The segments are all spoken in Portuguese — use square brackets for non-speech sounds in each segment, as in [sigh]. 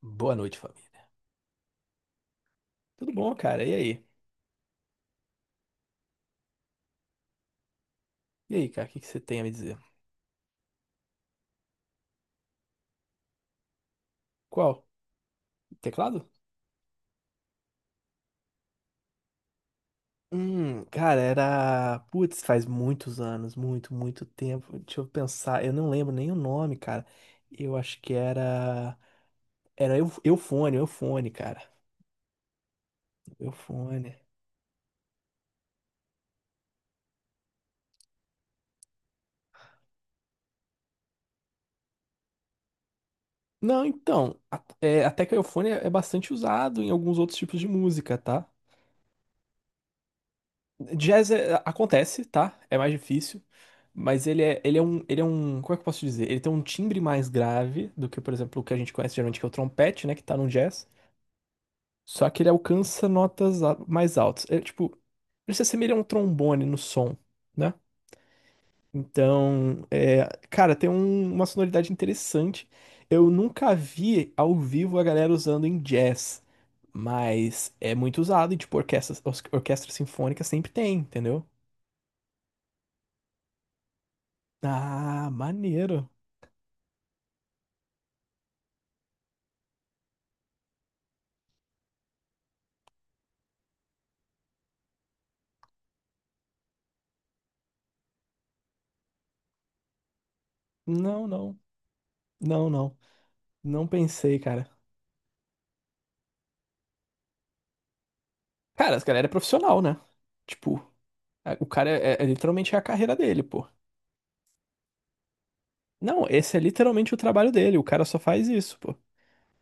Boa noite, família. Tudo bom, cara? E aí? E aí, cara? O que que você tem a me dizer? Qual? Teclado? Cara, era. Putz, faz muitos anos, muito, muito tempo. Deixa eu pensar, eu não lembro nem o nome, cara. Eu acho que era. Era Eufone, cara. Eufone. Não, então, é, até que o Eufone é bastante usado em alguns outros tipos de música, tá? Jazz acontece, tá? É mais difícil, mas ele é um, como é que eu posso dizer? Ele tem um timbre mais grave do que, por exemplo, o que a gente conhece geralmente, que é o trompete, né, que tá no jazz. Só que ele alcança notas mais altas. É tipo, ele se assemelha a um trombone no som, né? Então, é, cara, tem uma sonoridade interessante. Eu nunca vi ao vivo a galera usando em jazz, mas é muito usado e tipo orquestras sinfônicas sempre tem, entendeu? Ah, maneiro. Não, não. Não, não. Não pensei, cara. Cara, esse galera é profissional, né? Tipo, o cara é literalmente a carreira dele, pô. Não, esse é literalmente o trabalho dele. O cara só faz isso, pô.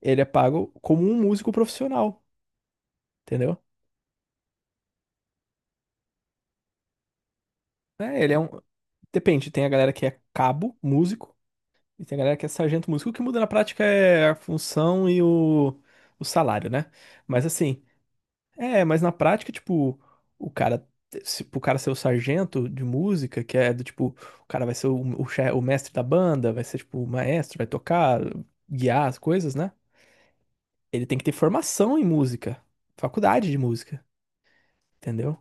Ele é pago como um músico profissional, entendeu? É, ele é um. Depende, tem a galera que é cabo, músico, e tem a galera que é sargento músico. O que muda na prática é a função e o salário, né? Mas assim. É, mas na prática, tipo, o cara, se, pro cara ser o sargento de música, que é do tipo, o cara vai ser o mestre da banda, vai ser tipo o maestro, vai tocar, guiar as coisas, né? Ele tem que ter formação em música, faculdade de música, entendeu?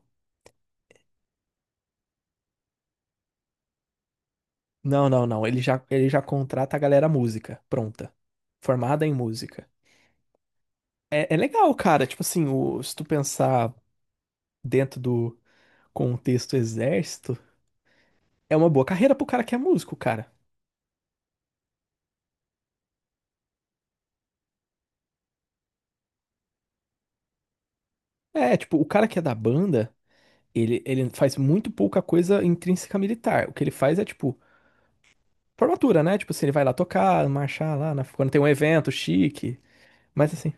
Não, não, não, ele já contrata a galera música, pronta, formada em música. É legal, cara, tipo assim, se tu pensar dentro do contexto exército, é uma boa carreira pro cara que é músico, cara. É, tipo, o cara que é da banda. Ele faz muito pouca coisa intrínseca militar. O que ele faz é, tipo, formatura, né? Tipo assim, ele vai lá tocar, marchar lá, quando tem um evento chique. Mas assim,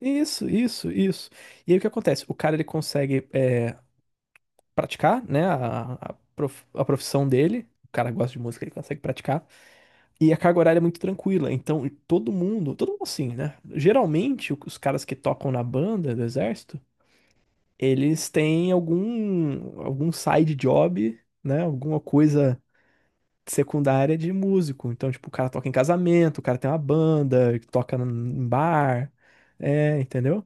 isso, isso, isso. E aí o que acontece? O cara, ele consegue praticar, né? A profissão dele. O cara gosta de música, ele consegue praticar. E a carga horária é muito tranquila. Então, todo mundo assim, né? Geralmente, os caras que tocam na banda do exército, eles têm algum side job, né? Alguma coisa secundária de músico. Então, tipo, o cara toca em casamento, o cara tem uma banda, toca em bar. É, entendeu?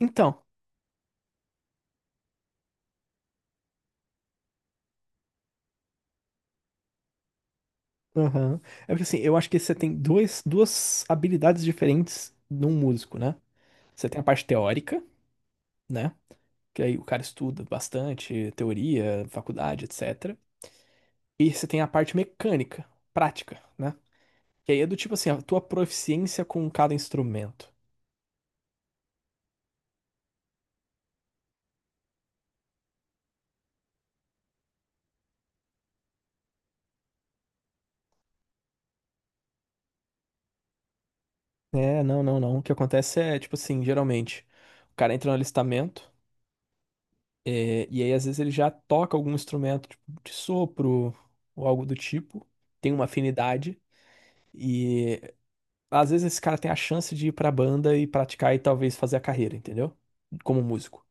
Então, aham. É porque assim, eu acho que você tem dois, duas habilidades diferentes num músico, né? Você tem a parte teórica, né? Que aí o cara estuda bastante, teoria, faculdade, etc. E você tem a parte mecânica, prática, né? Que aí é do tipo assim, a tua proficiência com cada instrumento. É, não, não, não. O que acontece é, tipo assim, geralmente, o cara entra no alistamento. É, e aí, às vezes, ele já toca algum instrumento, tipo, de sopro ou algo do tipo, tem uma afinidade, e às vezes esse cara tem a chance de ir pra banda e praticar e talvez fazer a carreira, entendeu? Como músico.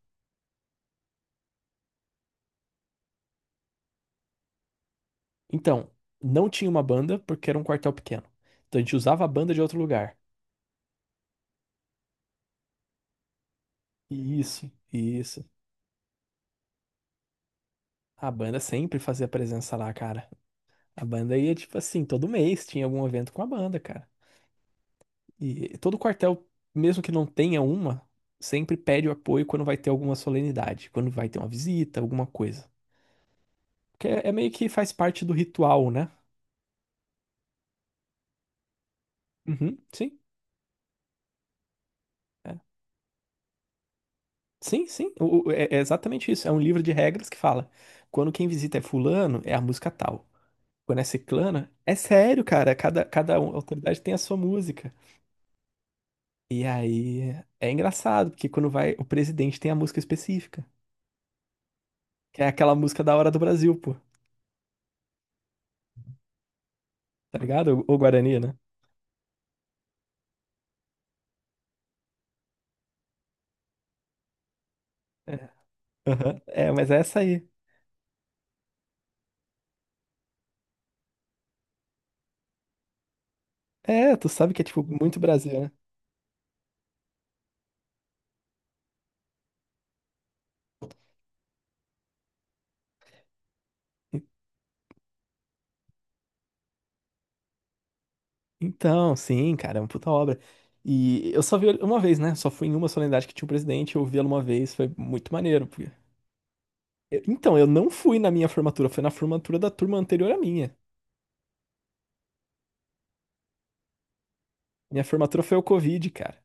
Então, não tinha uma banda porque era um quartel pequeno. Então a gente usava a banda de outro lugar. Isso, isso. A banda sempre fazia presença lá, cara. A banda ia, tipo assim, todo mês tinha algum evento com a banda, cara. E todo quartel, mesmo que não tenha uma, sempre pede o apoio quando vai ter alguma solenidade, quando vai ter uma visita, alguma coisa. Porque é meio que faz parte do ritual, né? Uhum, sim. É. Sim, sim. É exatamente isso. É um livro de regras que fala: quando quem visita é fulano, é a música tal. Quando é ciclana, é sério, cara. Cada autoridade tem a sua música. E aí é engraçado, porque quando vai, o presidente tem a música específica, que é aquela música da hora do Brasil, pô. Tá ligado? O Guarani, né? É. Aham. É, mas é essa aí. É, tu sabe que é, tipo, muito Brasil, né? En- Então, sim, cara, é uma puta obra. E eu só vi ele uma vez, né? Só fui em uma solenidade que tinha o presidente, eu vi ela uma vez, foi muito maneiro. Então, eu não fui na minha formatura, foi na formatura da turma anterior à minha. Minha formatura foi o Covid, cara.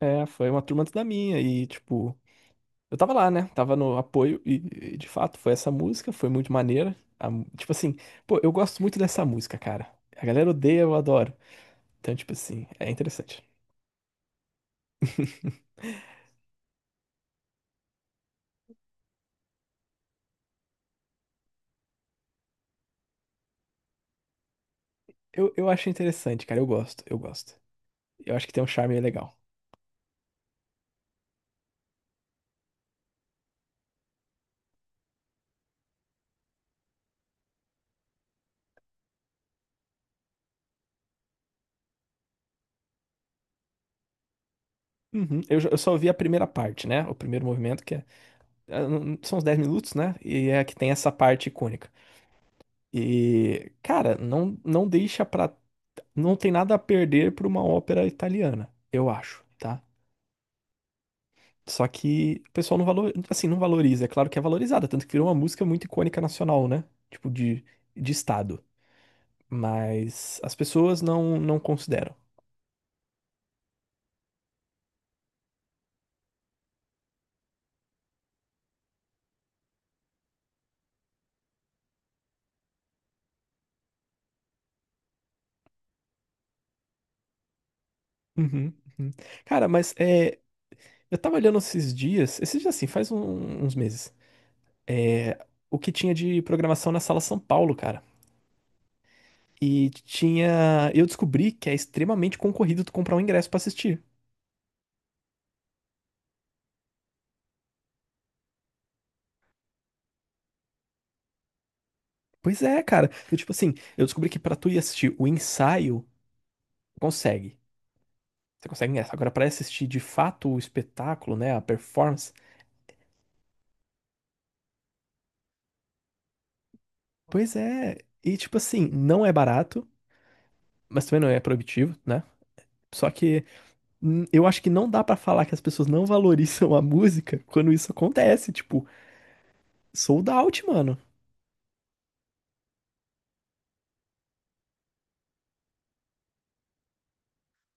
É, foi uma turma antes da minha e, tipo, eu tava lá, né? Tava no apoio e, de fato, foi essa música, foi muito maneira. Tipo assim, pô, eu gosto muito dessa música, cara. A galera odeia, eu adoro. Então, tipo assim, é interessante. Eu acho interessante, cara. Eu gosto, eu gosto. Eu acho que tem um charme legal. Uhum. Eu só vi a primeira parte, né? O primeiro movimento, que é. São os 10 minutos, né? E é que tem essa parte icônica. E, cara, não, não deixa pra. Não tem nada a perder pra uma ópera italiana, eu acho, tá? Só que o pessoal não valor, assim, não valoriza. É claro que é valorizada, tanto que virou uma música muito icônica nacional, né? Tipo, de estado. Mas as pessoas não, não consideram. Uhum, uhum. Cara, mas eu tava olhando esses dias, assim, faz uns meses, é, o que tinha de programação na Sala São Paulo, cara. E tinha. Eu descobri que é extremamente concorrido tu comprar um ingresso pra assistir. Pois é, cara. Eu, tipo assim, eu descobri que pra tu ir assistir o ensaio, consegue. Você consegue ingresso. Agora, pra assistir de fato o espetáculo, né, a performance. Pois é. E, tipo assim, não é barato, mas também não é proibitivo, né? Só que. Eu acho que não dá pra falar que as pessoas não [laughs] valorizam a música quando isso acontece, tipo, sold out, mano.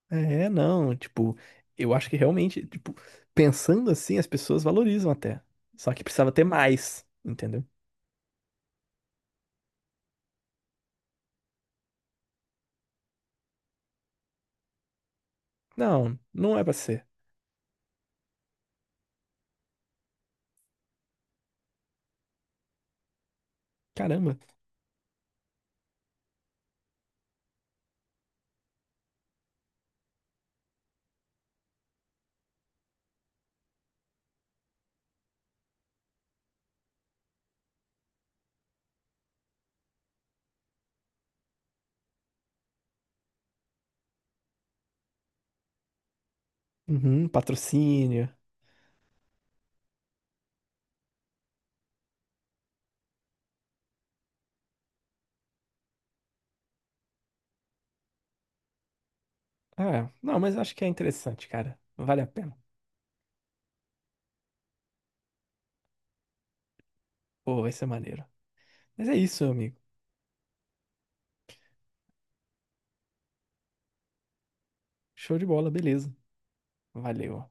É, não, tipo, eu acho que realmente, tipo, pensando assim, as pessoas valorizam até. Só que precisava ter mais, entendeu? Não, não é pra ser. Caramba. Uhum, patrocínio. Ah, não, mas acho que é interessante, cara. Vale a pena. Pô, vai ser maneiro. Mas é isso, meu amigo. Show de bola, beleza. Valeu.